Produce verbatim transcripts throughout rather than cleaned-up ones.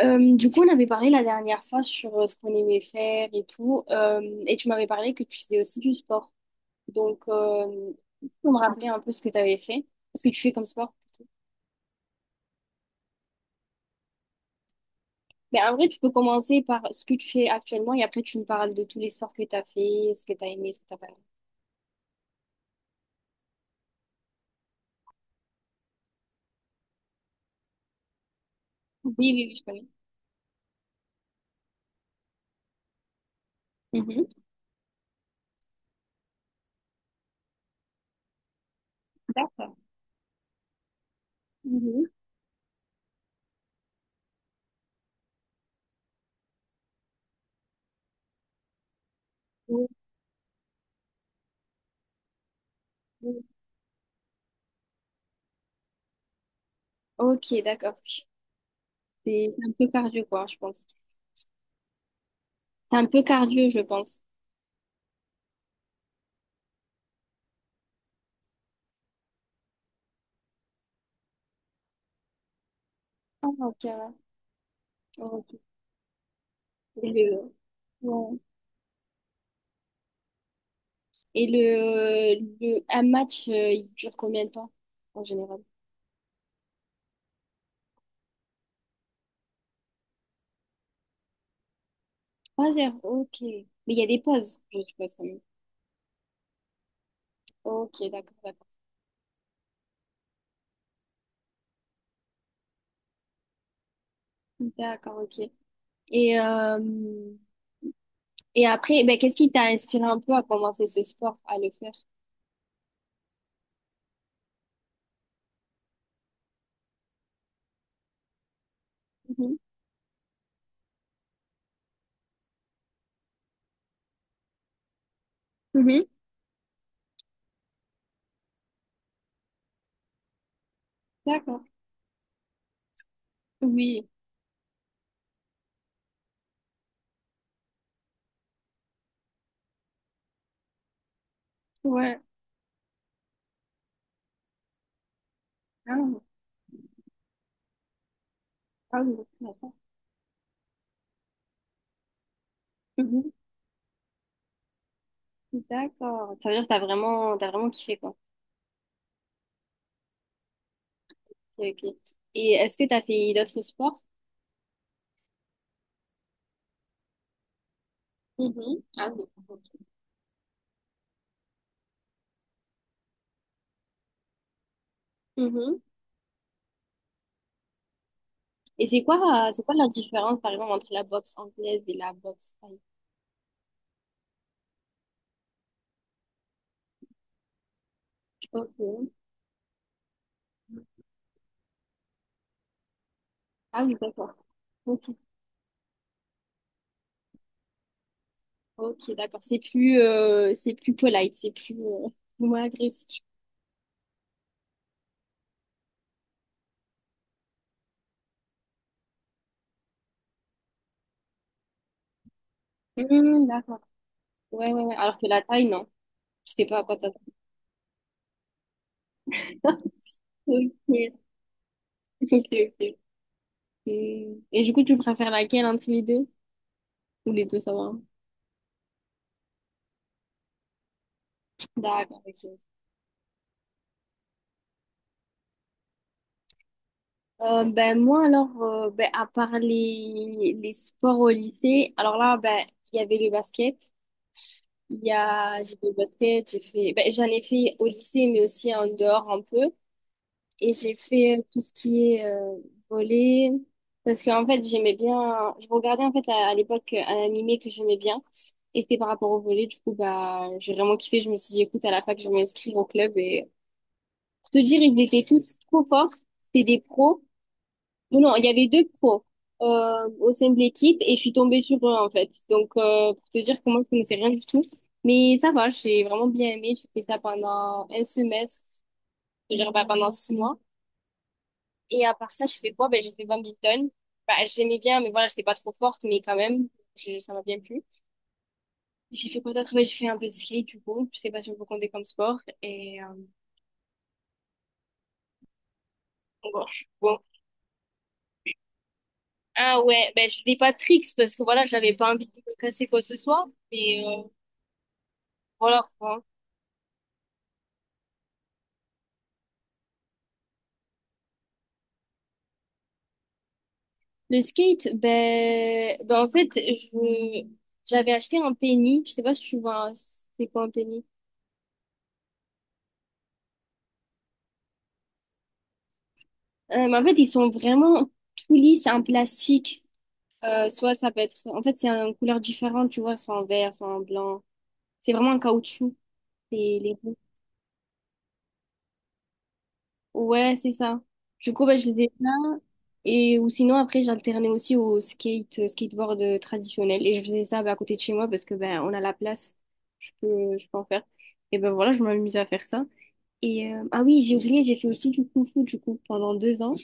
Euh, du coup, on avait parlé la dernière fois sur euh, ce qu'on aimait faire et tout, euh, et tu m'avais parlé que tu faisais aussi du sport. Donc, euh, on me rappeler un peu ce que tu avais fait, ce que tu fais comme sport. Mais en vrai, tu peux commencer par ce que tu fais actuellement et après, tu me parles de tous les sports que tu as fait, ce que tu as aimé, ce que tu pas aimé. Oui, oui, oui, je connais. Mhm. D'accord. Mhm. Oui, oui. Ok, d'accord. C'est c'est un peu cardio, quoi, je pense. C'est un peu cardio, je pense. Ah, ok, ouais. Ok. Je- ouais. Et le, le un match, euh, il dure combien de temps en général? Trois heures, ok. Mais il y a des pauses, je suppose quand même. Ok, d'accord, d'accord. D'accord, ok. Et, euh, et après, ben, qu'est-ce qui t'a inspiré un peu à commencer ce sport, à le faire? Mhm. Mhm. D'accord. Oui. Ouais. Ah, ah oui, d'accord. Mhm. D'accord. Ça veut dire que t'as vraiment, t'as vraiment kiffé, quoi. Ok, ok. Et est-ce que t'as fait d'autres sports? Mhm. Ah oui. Ok. Mhm. Et c'est quoi, euh, c'est quoi la différence, par exemple, entre la boxe anglaise et la boxe thaï? Ok. Ah oui, d'accord. Ok, ok, d'accord. C'est plus, euh, c'est plus polite, c'est plus, euh, moins agressif. Hmm, d'accord. Ouais, ouais, ouais. Alors que la taille, non. Je sais pas à quoi t'attends. Ok, ok, ok. Hmm. Et du coup, tu préfères laquelle entre les deux? Ou les deux, ça va, hein? D'accord, ok. Euh, ben moi alors euh, ben, à part les, les sports au lycée alors là ben il y avait le basket. Il y a, j'ai fait le basket, j'ai fait, ben, j'en ai fait au lycée, mais aussi en dehors un peu. Et j'ai fait euh, tout ce qui est euh, volley, parce qu'en fait, j'aimais bien, je regardais en fait à, à l'époque euh, un animé que j'aimais bien, et c'était par rapport au volley. Du coup, bah, j'ai vraiment kiffé. Je me suis dit, écoute, à la fac, je vais m'inscrire au club. Et pour te dire, ils étaient tous trop forts. C'était des pros. Non, il y avait deux pros euh, au sein de l'équipe et je suis tombée sur eux en fait. Donc euh, pour te dire que moi je connaissais rien du tout. Mais ça va, j'ai vraiment bien aimé. J'ai fait ça pendant un semestre, je veux dire bah, pendant six mois. Et à part ça, j'ai fait quoi? Ben, j'ai fait badminton. Bah, j'aimais bien, mais voilà, j'étais pas trop forte, mais quand même, je- ça m'a bien plu. J'ai fait quoi d'autre? Ben, j'ai fait un peu de skate du coup. Je sais pas si on peut compter comme sport. Et euh, bon. Bon. Ah ouais, ben, je faisais pas de tricks parce que voilà, j'avais pas envie de me casser quoi que ce soit. Mais euh, voilà. Le skate, ben, ben en fait, je, j'avais acheté un penny. Je sais pas si tu vois, un- c'est quoi un penny? Euh, mais en fait, ils sont vraiment tout lisses, c'est un plastique. Euh, soit ça peut être, en fait, c'est une couleur différente, tu vois, soit en vert, soit en blanc. C'est vraiment un caoutchouc, les, les roues. Ouais, c'est ça. Du coup, ben, je faisais ça. Et, ou sinon, après, j'alternais aussi au skate, euh, skateboard euh, traditionnel. Et je faisais ça, ben, à côté de chez moi parce que, ben, on a la place. Je peux, je peux en faire. Et ben voilà, je m'amuse à faire ça. Et euh, ah oui, j'ai oublié, j'ai fait aussi du kung-fu du coup pendant deux ans.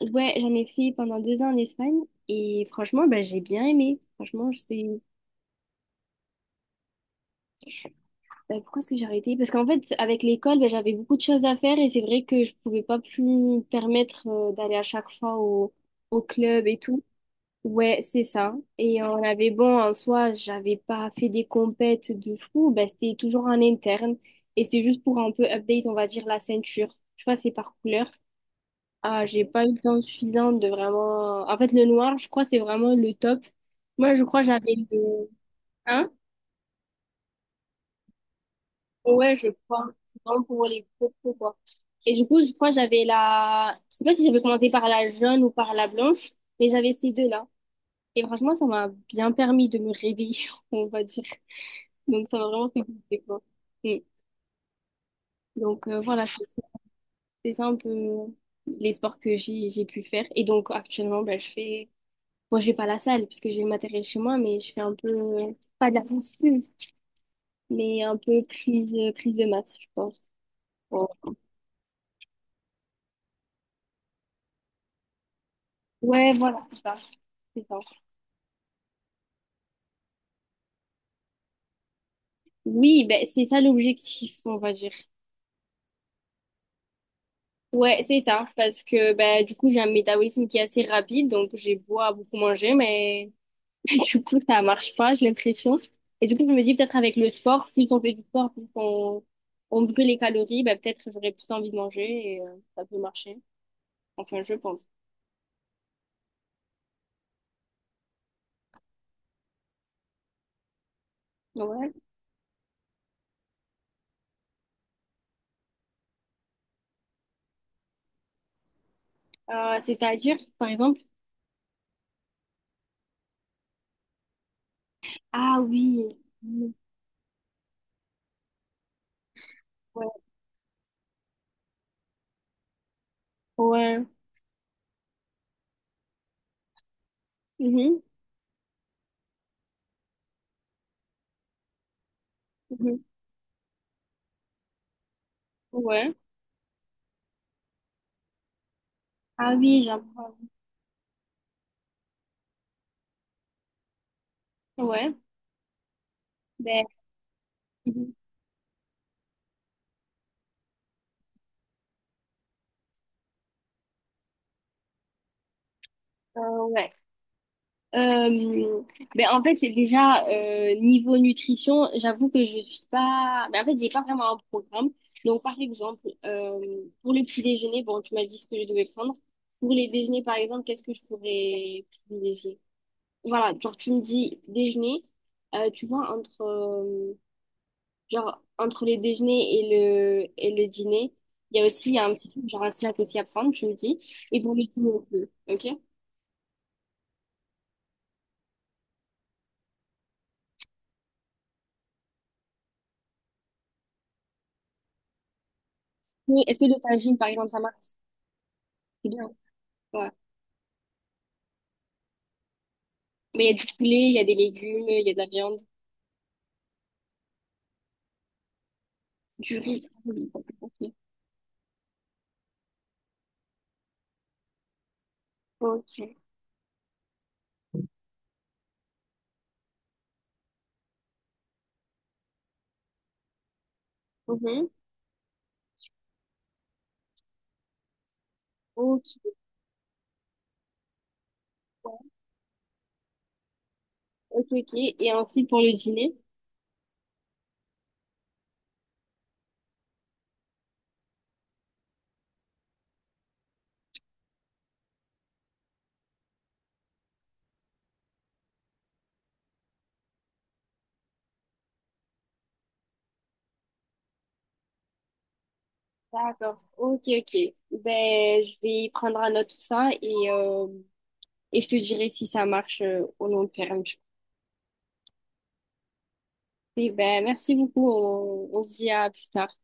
Ouais, j'en ai fait pendant deux ans en Espagne et franchement, bah, j'ai bien aimé. Franchement, je sais. Bah, pourquoi est-ce que j'ai arrêté? Parce qu'en fait, avec l'école, bah, j'avais beaucoup de choses à faire et c'est vrai que je pouvais pas plus me permettre euh, d'aller à chaque fois au, au club et tout. Ouais, c'est ça. Et on avait bon en soi, j'avais pas fait des compètes de fou, bah, c'était toujours en interne et c'est juste pour un peu update, on va dire la ceinture. Tu vois, c'est par couleur. Ah, j'ai pas eu le temps suffisant de vraiment. En fait, le noir, je crois, c'est vraiment le top. Moi, je crois, j'avais le. Hein? Ouais, je crois. C'est vraiment pour les propos, quoi. Et du coup, je crois, j'avais la. Je sais pas si j'avais commencé par la jaune ou par la blanche, mais j'avais ces deux-là. Et franchement, ça m'a bien permis de me réveiller, on va dire. Donc, ça m'a vraiment fait kiffer, quoi. Mm. Donc, euh, voilà, c'est c'est ça un peu les sports que j'ai j'ai pu faire. Et donc, actuellement, ben, je fais. Bon, je vais pas à la salle parce que j'ai le matériel chez moi, mais je fais un peu, euh, pas de la muscu, mais un peu prise, euh, prise de masse, je pense. Bon. Ouais, voilà, c'est ça, c'est ça. Oui, ben, c'est ça l'objectif, on va dire. Ouais, c'est ça, parce que ben, du coup, j'ai un métabolisme qui est assez rapide, donc j'ai beau à beaucoup manger, mais du coup, ça marche pas, j'ai l'impression. Et du coup, je me dis peut-être avec le sport, plus on fait du sport, plus on, on brûle les calories, ben, peut-être j'aurais plus envie de manger et euh, ça peut marcher. Enfin, je pense. Ouais. Euh, c'est-à-dire, par exemple, ah oui. Mhm. Ouais, ouais. Mhm. Mhm. Ouais, ah oui, j'apprends. Ouais, ben. Mhm. Euh, ouais. Euh, ben, en fait, c'est déjà euh, niveau nutrition, j'avoue que je suis pas, ben, en fait, j'ai pas vraiment un programme. Donc, par exemple, euh, pour le petit déjeuner, bon, tu m'as dit ce que je devais prendre. Pour les déjeuners, par exemple, qu'est-ce que je pourrais privilégier? Voilà, genre, tu me dis déjeuner, euh, tu vois, entre. euh, Genre, entre le déjeuner et le, et le dîner, il y a aussi un petit truc, genre un snack aussi à prendre, tu me dis. Et pour le dîner aussi, ok? Mais est-ce que le tagine, par exemple, ça marche? C'est bien. Ouais. Mais il y a du poulet, il y a des légumes, il y a de la viande, du riz. Ok. Ok. Mhm. Ok. Ok, ok. Et ensuite, pour le dîner? D'accord. Ok, ok. Ben, je vais prendre à note tout ça et, euh, et je te dirai si ça marche euh, au long terme. Et ben, merci beaucoup. On, on se dit à plus tard.